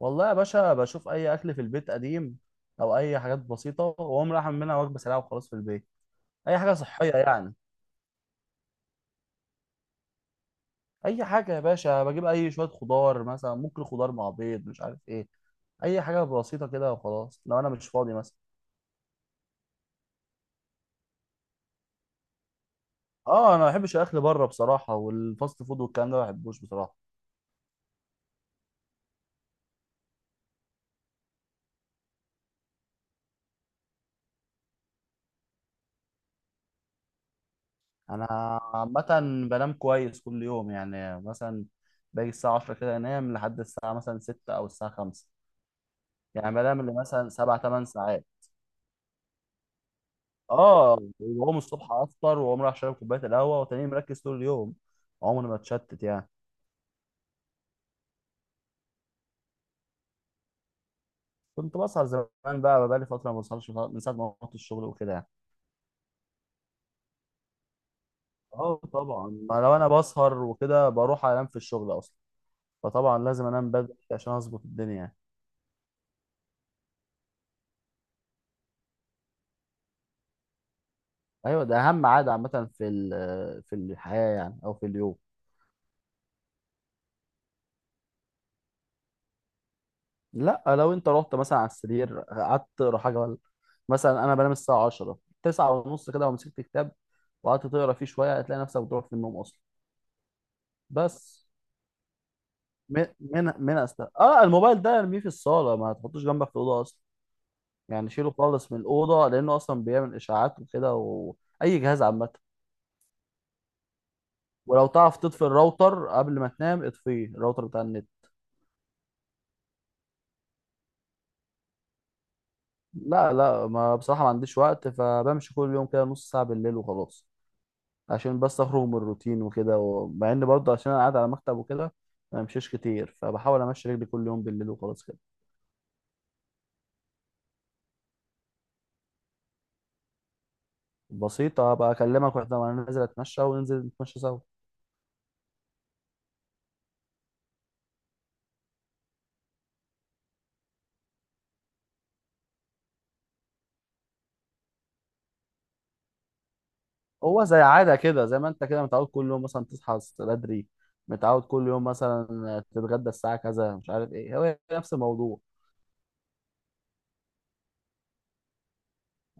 والله يا باشا، بشوف اي اكل في البيت قديم او اي حاجات بسيطه واقوم رايح اعمل منها وجبه سريعه وخلاص في البيت. اي حاجه صحيه يعني. اي حاجه يا باشا، بجيب اي شويه خضار مثلا، ممكن خضار مع بيض مش عارف ايه. اي حاجه بسيطه كده وخلاص لو انا مش فاضي مثلا. اه، انا ما بحبش الاكل بره بصراحه، والفاست فود والكلام ده ما بحبوش بصراحه. انا عامه بنام كويس كل يوم يعني، مثلا باجي الساعه 10 كده، انام لحد الساعه مثلا 6 او الساعه 5. يعني بنام لي مثلا 7 8 ساعات. اه، يبقى هو من الصبح افطر وقوم رايح شارب كوبايه القهوه، وتاني مركز طول اليوم. عمري ما اتشتت يعني. كنت بسهر زمان، بقى لي فتره ما بسهرش من ساعه ما رحت الشغل وكده يعني. اه طبعا، ما لو انا بسهر وكده بروح انام في الشغل اصلا، فطبعا لازم انام بدري عشان اظبط الدنيا يعني. ايوه، ده اهم عاده عامه في في الحياه يعني، او في اليوم. لا، لو انت رحت مثلا على السرير قعدت تقرا حاجه ولا مثلا، انا بنام الساعه 10 9 ونص كده ومسكت كتاب، وقعدت تقرا فيه شويه هتلاقي نفسك بتروح في النوم اصلا. بس من من من أست... اه الموبايل ده ارميه في الصاله، ما تحطوش جنبك في الاوضه اصلا. يعني شيله خالص من الاوضه، لانه اصلا بيعمل اشاعات وكده واي جهاز عامه. ولو تعرف تطفي الراوتر قبل ما تنام، اطفيه الراوتر بتاع النت. لا لا، ما بصراحه ما عنديش وقت، فبمشي كل يوم كده نص ساعه بالليل وخلاص. عشان بس اخرج من الروتين وكده، ومع ان برضه عشان انا قاعد على مكتب وكده ما بمشيش كتير، فبحاول امشي رجلي كل يوم بالليل وخلاص كده. بسيطه بقى، اكلمك واحنا وانا نازل اتمشى، وننزل نتمشى سوا. هو زي عادة كده، زي ما انت كده متعود كل يوم مثلا تصحى بدري، متعود كل يوم مثلا تتغدى الساعة كذا مش عارف ايه، هو نفس الموضوع.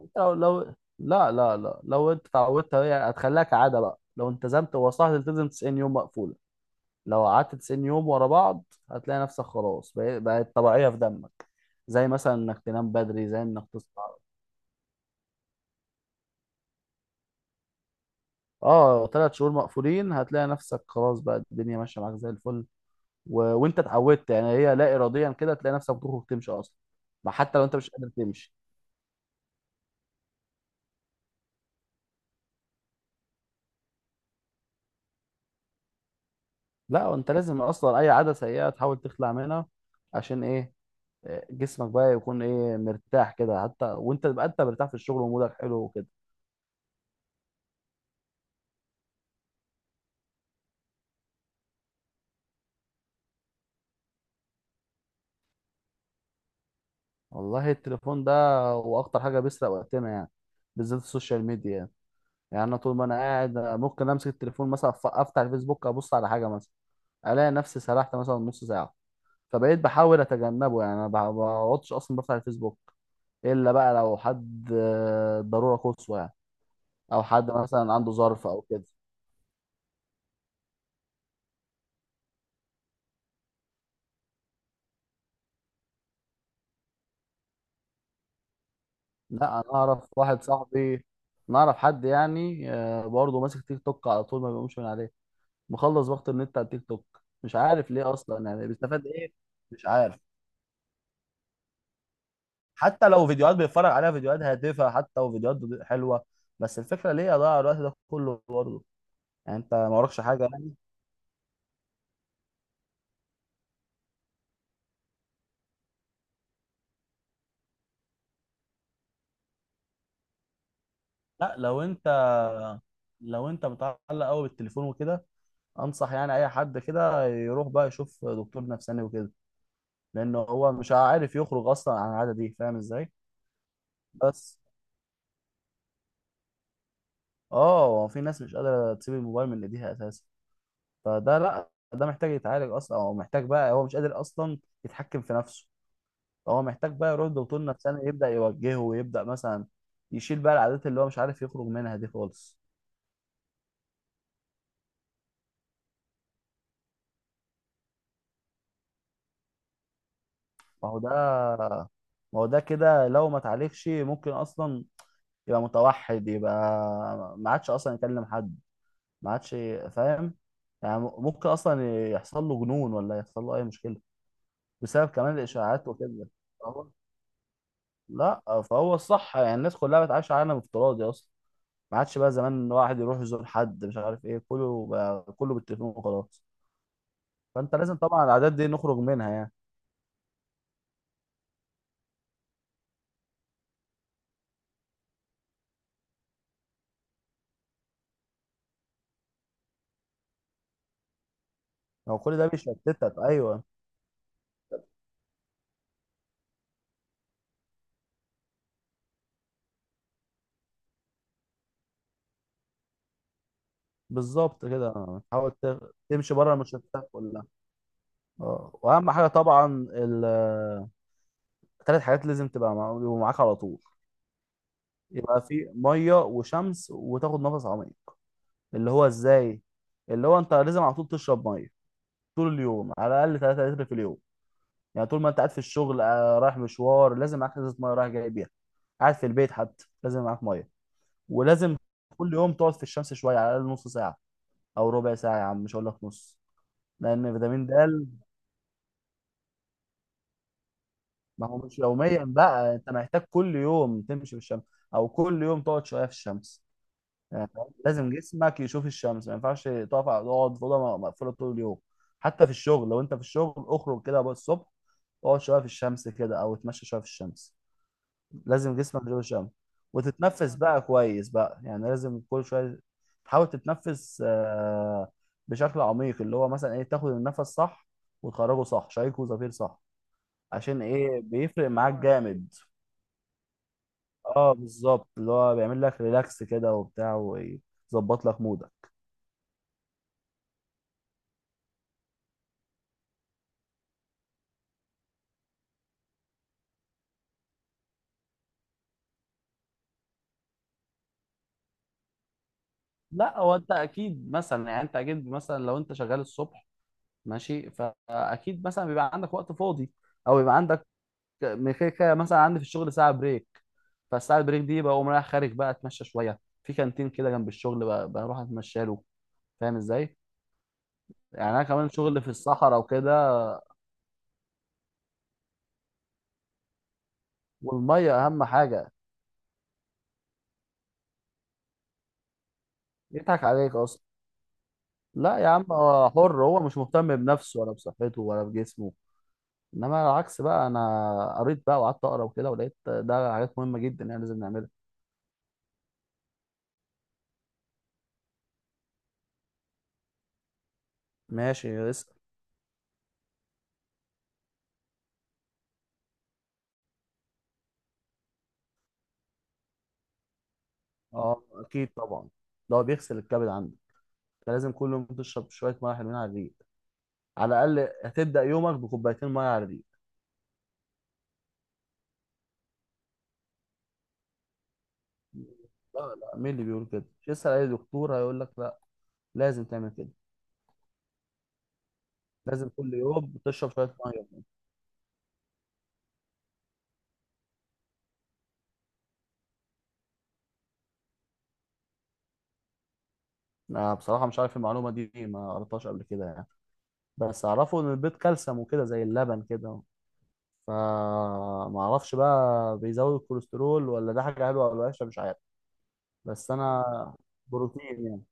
انت لو، لا لا لا، لو انت اتعودت هي هتخليها كعادة بقى. لو التزمت، هو صح تلتزم 90 يوم مقفولة، لو قعدت 90 يوم ورا بعض هتلاقي نفسك خلاص بقت طبيعية في دمك، زي مثلا انك تنام بدري، زي انك تصحى. اه، ثلاث شهور مقفولين هتلاقي نفسك خلاص بقى، الدنيا ماشية معاك زي الفل. وانت اتعودت يعني، هي لا اراديا كده تلاقي نفسك بتخرج تمشي اصلا. ما حتى لو انت مش قادر تمشي. لا، انت لازم اصلا اي عاده سيئه تحاول تخلع منها. عشان ايه؟ جسمك بقى يكون ايه، مرتاح كده، حتى وانت تبقى انت مرتاح في الشغل ومودك حلو وكده. والله التليفون ده هو اخطر حاجه، بيسرق وقتنا يعني، بالذات السوشيال ميديا يعني. يعني انا طول ما انا قاعد ممكن امسك التليفون مثلا، افتح الفيسبوك، ابص على حاجه مثلا الاقي نفسي سرحت مثلا نص ساعه. فبقيت بحاول اتجنبه يعني، انا ما بقعدش اصلا بفتح الفيسبوك الا بقى لو حد ضروره قصوى يعني، او حد مثلا عنده ظرف او كده. لا انا اعرف واحد صاحبي، نعرف حد يعني برضه ماسك تيك توك على طول ما بيقومش من عليه، مخلص وقت النت على التيك توك، مش عارف ليه اصلا يعني بيستفاد ايه. مش عارف. حتى لو فيديوهات بيتفرج عليها، فيديوهات هادفه حتى وفيديوهات حلوه، بس الفكره ليه اضيع الوقت ده كله برضه؟ يعني انت ما وراكش حاجه يعني. لا، لو انت متعلق قوي بالتليفون وكده، انصح يعني اي حد كده يروح بقى يشوف دكتور نفساني وكده، لان هو مش عارف يخرج اصلا عن العاده دي، فاهم ازاي؟ بس اه، هو في ناس مش قادره تسيب الموبايل من ايديها اساسا. فده لا، ده محتاج يتعالج اصلا، او محتاج بقى هو مش قادر اصلا يتحكم في نفسه. هو محتاج بقى يروح دكتور نفساني يبدا يوجهه، ويبدا مثلا يشيل بقى العادات اللي هو مش عارف يخرج منها دي خالص. ما هو ده ما هو ده كده لو ما اتعالجش ممكن اصلا يبقى متوحد، يبقى ما عادش اصلا يكلم حد، ما عادش، فاهم؟ يعني ممكن اصلا يحصل له جنون ولا يحصل له اي مشكله بسبب كمان الاشاعات وكده. فهو لا فهو الصح يعني، الناس كلها بتعيش عالم افتراضي اصلا. ما عادش بقى زمان إن واحد يروح يزور حد مش عارف ايه، كله بقى كله بالتليفون وخلاص. فانت لازم طبعا العادات دي نخرج منها يعني. هو كل ده بيشتتك. ايوه بالظبط كده، حاول تمشي بره المشتتات كلها. اه واهم حاجه طبعا، ال- تلات حاجات لازم تبقى يبقوا معاك على طول. يبقى في ميه وشمس وتاخد نفس عميق. اللي هو ازاي؟ اللي هو انت لازم على طول تشرب ميه طول اليوم، على الاقل 3 لتر في اليوم. يعني طول ما انت قاعد في الشغل، رايح مشوار لازم معاك ازازه ميه رايح جاي بيها، قاعد في البيت حتى لازم معاك ميه. ولازم كل يوم تقعد في الشمس شويه، على الاقل نص ساعه او ربع ساعه يا عم، مش هقول لك نص، لان فيتامين د. ما هو مش يوميا بقى، انت محتاج كل يوم تمشي في الشمس، او كل يوم تقعد شويه في الشمس. يعني لازم جسمك يشوف الشمس، ما ينفعش تقف على تقعد في اوضه مقفوله طول اليوم. حتى في الشغل لو انت في الشغل، اخرج كده بقى الصبح، اقعد شويه في الشمس كده او اتمشى شويه في الشمس. لازم جسمك يشوف الشمس. وتتنفس بقى كويس بقى يعني، لازم كل شويه تحاول تتنفس بشكل عميق، اللي هو مثلا ايه، تاخد النفس صح وتخرجه صح، شهيق وزفير صح. عشان ايه؟ بيفرق معاك جامد. اه بالظبط، اللي هو بيعمل لك ريلاكس كده وبتاع، ويظبط لك مودك. لا هو انت اكيد مثلا، يعني انت اكيد مثلا لو انت شغال الصبح، ماشي، فاكيد مثلا بيبقى عندك وقت فاضي، او بيبقى عندك من كده كده مثلا، عندي في الشغل ساعه بريك، فالساعه البريك دي بقوم رايح خارج بقى اتمشى شويه، في كانتين كده جنب الشغل بروح اتمشى له، فاهم ازاي؟ يعني انا كمان شغل في الصحراء وكده. والميه اهم حاجه. يضحك عليك اصلا. لا يا عم، هو حر، هو مش مهتم بنفسه ولا بصحته ولا بجسمه. انما العكس بقى، انا قريت بقى وقعدت اقرا وكده ولقيت ده حاجات مهمه جدا يعني لازم نعملها. ماشي اسال. اه اكيد طبعا، ده هو بيغسل الكبد عندك، انت لازم كل يوم تشرب شويه ميه حلوين على الريق، على الاقل هتبدا يومك بكوبايتين ميه على الريق. لا لا، مين اللي بيقول؟ كده اسال اي دكتور هيقول لك لا، لازم تعمل كده، لازم كل يوم تشرب شويه ميه. انا بصراحه مش عارف المعلومه دي، ما قريتهاش قبل كده يعني، بس اعرفه ان البيض كالسيوم وكده زي اللبن كده، فما اعرفش بقى بيزود الكوليسترول ولا ده حاجه حلوه ولا وحشه، مش عارف. بس انا، بروتين يعني.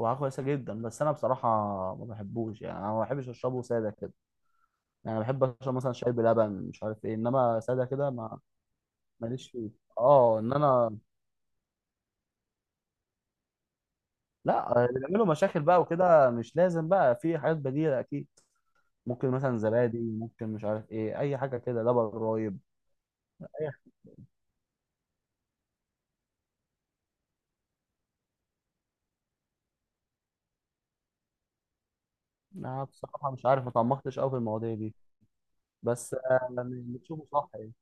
هو حاجه كويسه جدا، بس انا بصراحه ما بحبوش يعني، انا ما بحبش اشربه ساده كده، يعني بحب اشرب مثلا شاي بلبن مش عارف ايه، انما ساده كده ما، ماليش فيه. اه ان انا. لا، اللي بيعملوا مشاكل بقى وكده مش لازم بقى، في حاجات بديله اكيد. ممكن مثلا زبادي، ممكن مش عارف ايه، اي حاجه كده، لبن رايب. اي حاجة. انا بصراحه مش عارف، ما تعمقتش قوي في المواضيع دي. بس يعني بتشوفه صح يعني.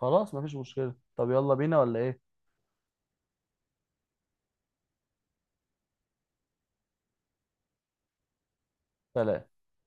خلاص مفيش مشكلة، طب يلا بينا ولا ايه؟ سلام.